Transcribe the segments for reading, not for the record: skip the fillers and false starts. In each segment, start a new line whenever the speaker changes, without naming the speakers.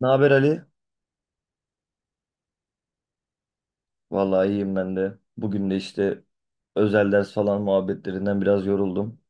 Ne haber Ali? Vallahi iyiyim ben de. Bugün de işte özel ders falan muhabbetlerinden biraz yoruldum.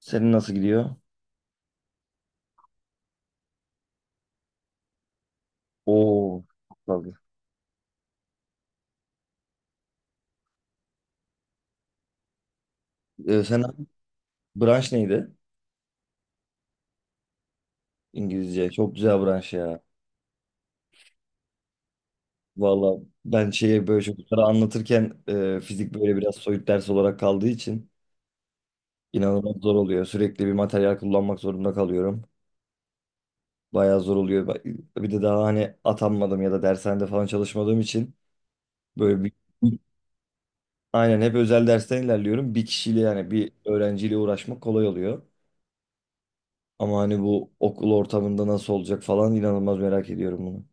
Senin nasıl gidiyor? Oo, tabii. Sen branş neydi? İngilizce. Çok güzel branş ya. Vallahi ben şeye böyle çocuklara anlatırken fizik böyle biraz soyut ders olarak kaldığı için inanılmaz zor oluyor. Sürekli bir materyal kullanmak zorunda kalıyorum. Bayağı zor oluyor. Bir de daha hani atanmadım ya da dershanede falan çalışmadığım için böyle bir... Aynen hep özel dersten ilerliyorum. Bir kişiyle yani bir öğrenciyle uğraşmak kolay oluyor. Ama hani bu okul ortamında nasıl olacak falan inanılmaz merak ediyorum bunu.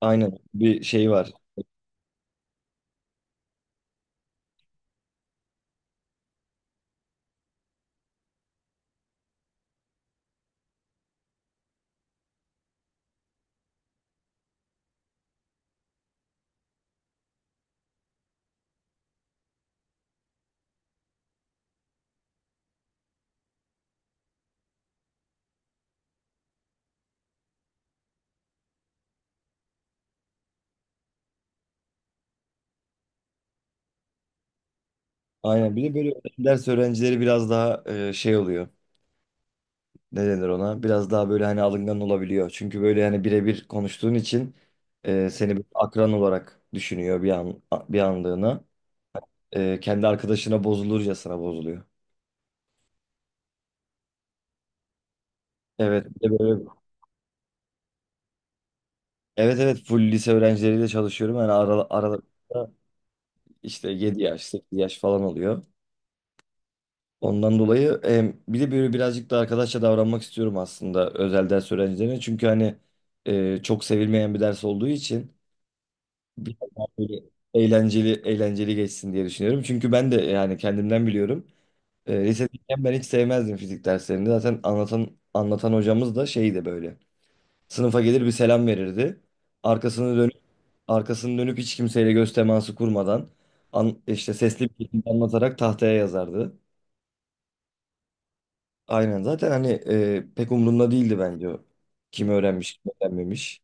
Aynen bir şey var. Aynen bir de böyle özel ders öğrencileri biraz daha şey oluyor. Ne denir ona? Biraz daha böyle hani alıngan olabiliyor. Çünkü böyle hani birebir konuştuğun için seni bir akran olarak düşünüyor bir anlığına. Kendi arkadaşına bozulurcasına bozuluyor. Evet, bir de böyle, evet evet full lise öğrencileriyle çalışıyorum. İşte 7 yaş, 8 yaş falan oluyor. Ondan dolayı bir de böyle birazcık da arkadaşça davranmak istiyorum aslında özel ders öğrencilerine. Çünkü hani çok sevilmeyen bir ders olduğu için biraz daha böyle eğlenceli eğlenceli geçsin diye düşünüyorum. Çünkü ben de yani kendimden biliyorum. Lisedeyken ben hiç sevmezdim fizik derslerini. Zaten anlatan anlatan hocamız da şeydi böyle. Sınıfa gelir bir selam verirdi. Arkasını dönüp arkasını dönüp hiç kimseyle göz teması kurmadan işte sesli bir şekilde anlatarak tahtaya yazardı. Aynen zaten hani pek umurunda değildi bence o. Kim öğrenmiş, kim öğrenmemiş.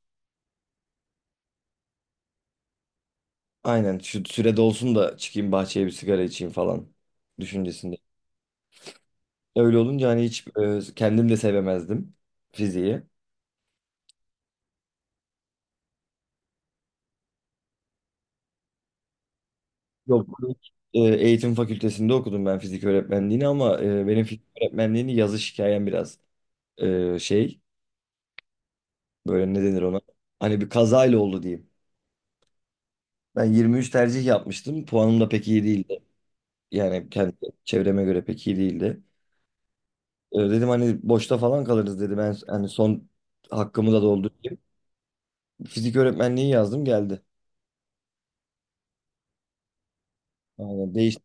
Aynen şu süre dolsun da çıkayım bahçeye bir sigara içeyim falan düşüncesinde. Öyle olunca hani hiç kendim de sevemezdim fiziği. Yok. Eğitim fakültesinde okudum ben fizik öğretmenliğini ama benim fizik öğretmenliğini yazış hikayem biraz şey... Böyle ne denir ona? Hani bir kazayla oldu diyeyim. Ben 23 tercih yapmıştım. Puanım da pek iyi değildi. Yani kendi çevreme göre pek iyi değildi. Dedim hani boşta falan kalırız dedim. Ben hani son hakkımı da doldurayım. Fizik öğretmenliği yazdım geldi. Aynen değişti.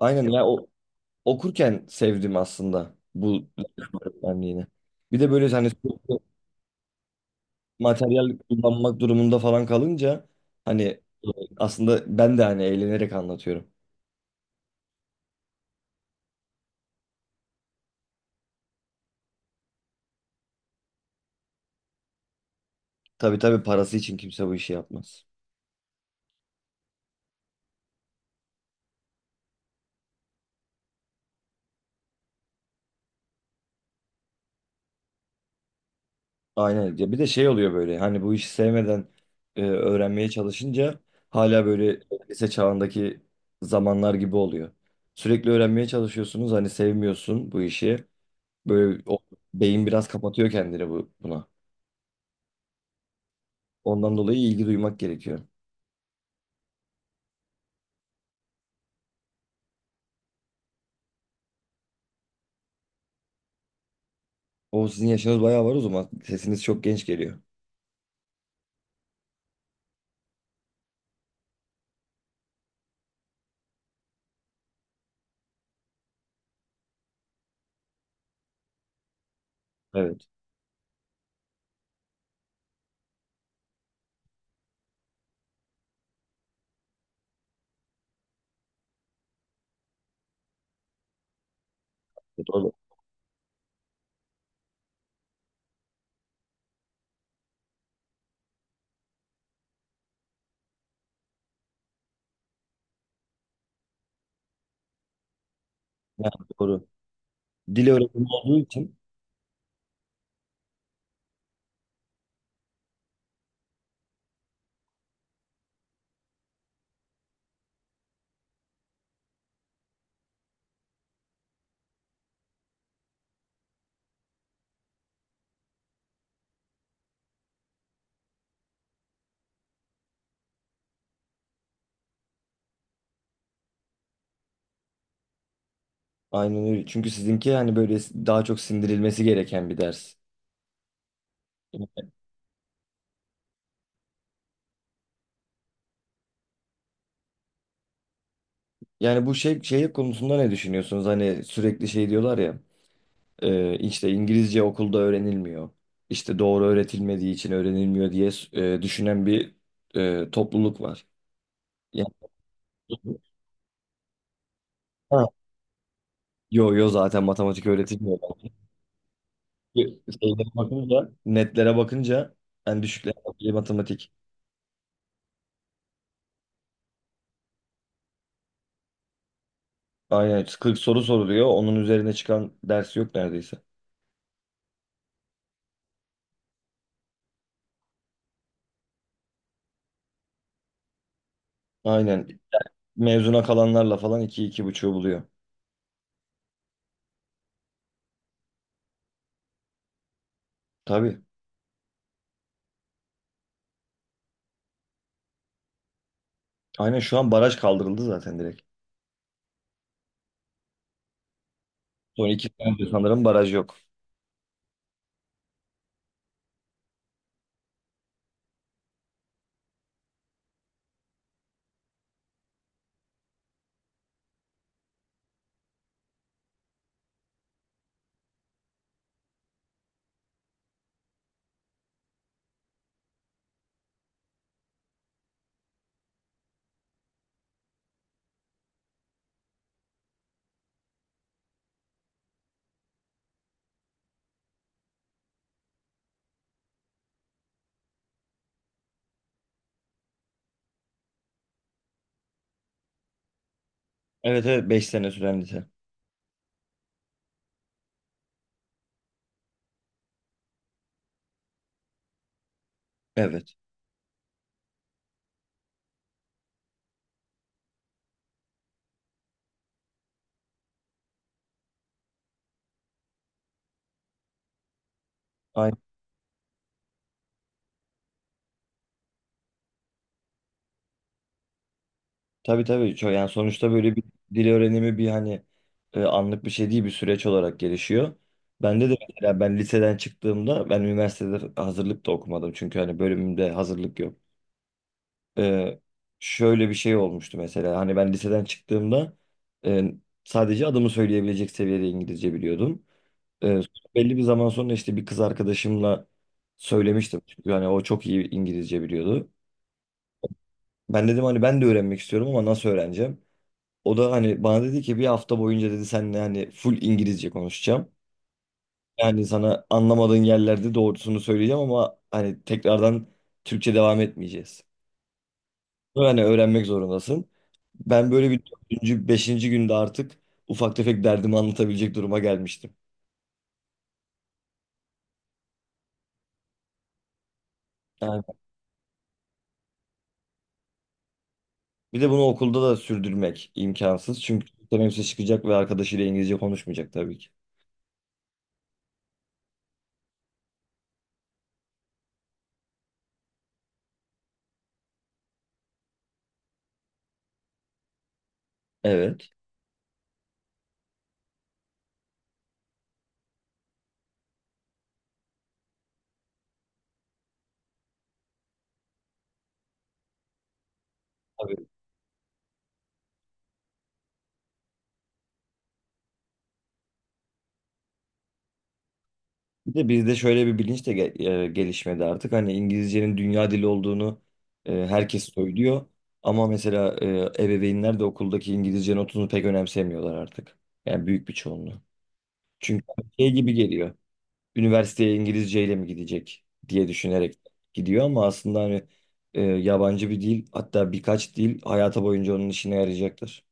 Aynen ya o, okurken sevdim aslında bu öğretmenliğini. Bir de böyle hani sürekli materyal kullanmak durumunda falan kalınca hani aslında ben de hani eğlenerek anlatıyorum. Tabii tabii parası için kimse bu işi yapmaz. Aynen. Ya bir de şey oluyor böyle hani bu işi sevmeden öğrenmeye çalışınca hala böyle lise çağındaki zamanlar gibi oluyor. Sürekli öğrenmeye çalışıyorsunuz hani sevmiyorsun bu işi. Böyle o beyin biraz kapatıyor kendini buna. Ondan dolayı ilgi duymak gerekiyor. O sizin yaşınız bayağı var o zaman. Sesiniz çok genç geliyor. Evet. Doğru. Yani doğru. Dil öğretimi olduğu için aynen öyle. Çünkü sizinki hani böyle daha çok sindirilmesi gereken bir ders. Yani bu şey konusunda ne düşünüyorsunuz? Hani sürekli şey diyorlar ya işte İngilizce okulda öğrenilmiyor. İşte doğru öğretilmediği için öğrenilmiyor diye düşünen bir topluluk var. Yani, ha, yo yo zaten matematik öğretilmiyor. Şeylere bakınca, netlere bakınca en düşükler matematik. Aynen 40 soru soruluyor. Onun üzerine çıkan ders yok neredeyse. Aynen mezuna kalanlarla falan iki, iki buçuğu buluyor. Tabii. Aynen şu an baraj kaldırıldı zaten direkt. Son iki senedir sanırım baraj yok. Evet evet 5 sene süren lise. Evet. Aynen. Tabii tabii. Yani sonuçta böyle bir dil öğrenimi bir hani anlık bir şey değil bir süreç olarak gelişiyor. Bende de mesela ben liseden çıktığımda ben üniversitede hazırlık da okumadım. Çünkü hani bölümümde hazırlık yok. E, şöyle bir şey olmuştu mesela. Hani ben liseden çıktığımda e, sadece adımı söyleyebilecek seviyede İngilizce biliyordum. Ee, belli bir zaman sonra işte bir kız arkadaşımla söylemiştim. Çünkü hani o çok iyi İngilizce biliyordu. Ben dedim hani ben de öğrenmek istiyorum ama nasıl öğreneceğim? O da hani bana dedi ki bir hafta boyunca dedi seninle hani full İngilizce konuşacağım. Yani sana anlamadığın yerlerde doğrusunu söyleyeceğim ama hani tekrardan Türkçe devam etmeyeceğiz. Bunu hani öğrenmek zorundasın. Ben böyle bir dördüncü, beşinci günde artık ufak tefek derdimi anlatabilecek duruma gelmiştim. Yani bir de bunu okulda da sürdürmek imkansız. Çünkü teneffüse çıkacak ve arkadaşıyla İngilizce konuşmayacak tabii ki. Evet. Tabii. Bir de bizde şöyle bir bilinç de gelişmedi artık. Hani İngilizcenin dünya dili olduğunu herkes söylüyor. Ama mesela ebeveynler de okuldaki İngilizce notunu pek önemsemiyorlar artık. Yani büyük bir çoğunluğu. Çünkü şey gibi geliyor. Üniversiteye İngilizceyle mi gidecek diye düşünerek gidiyor ama aslında hani yabancı bir dil hatta birkaç dil hayata boyunca onun işine yarayacaktır.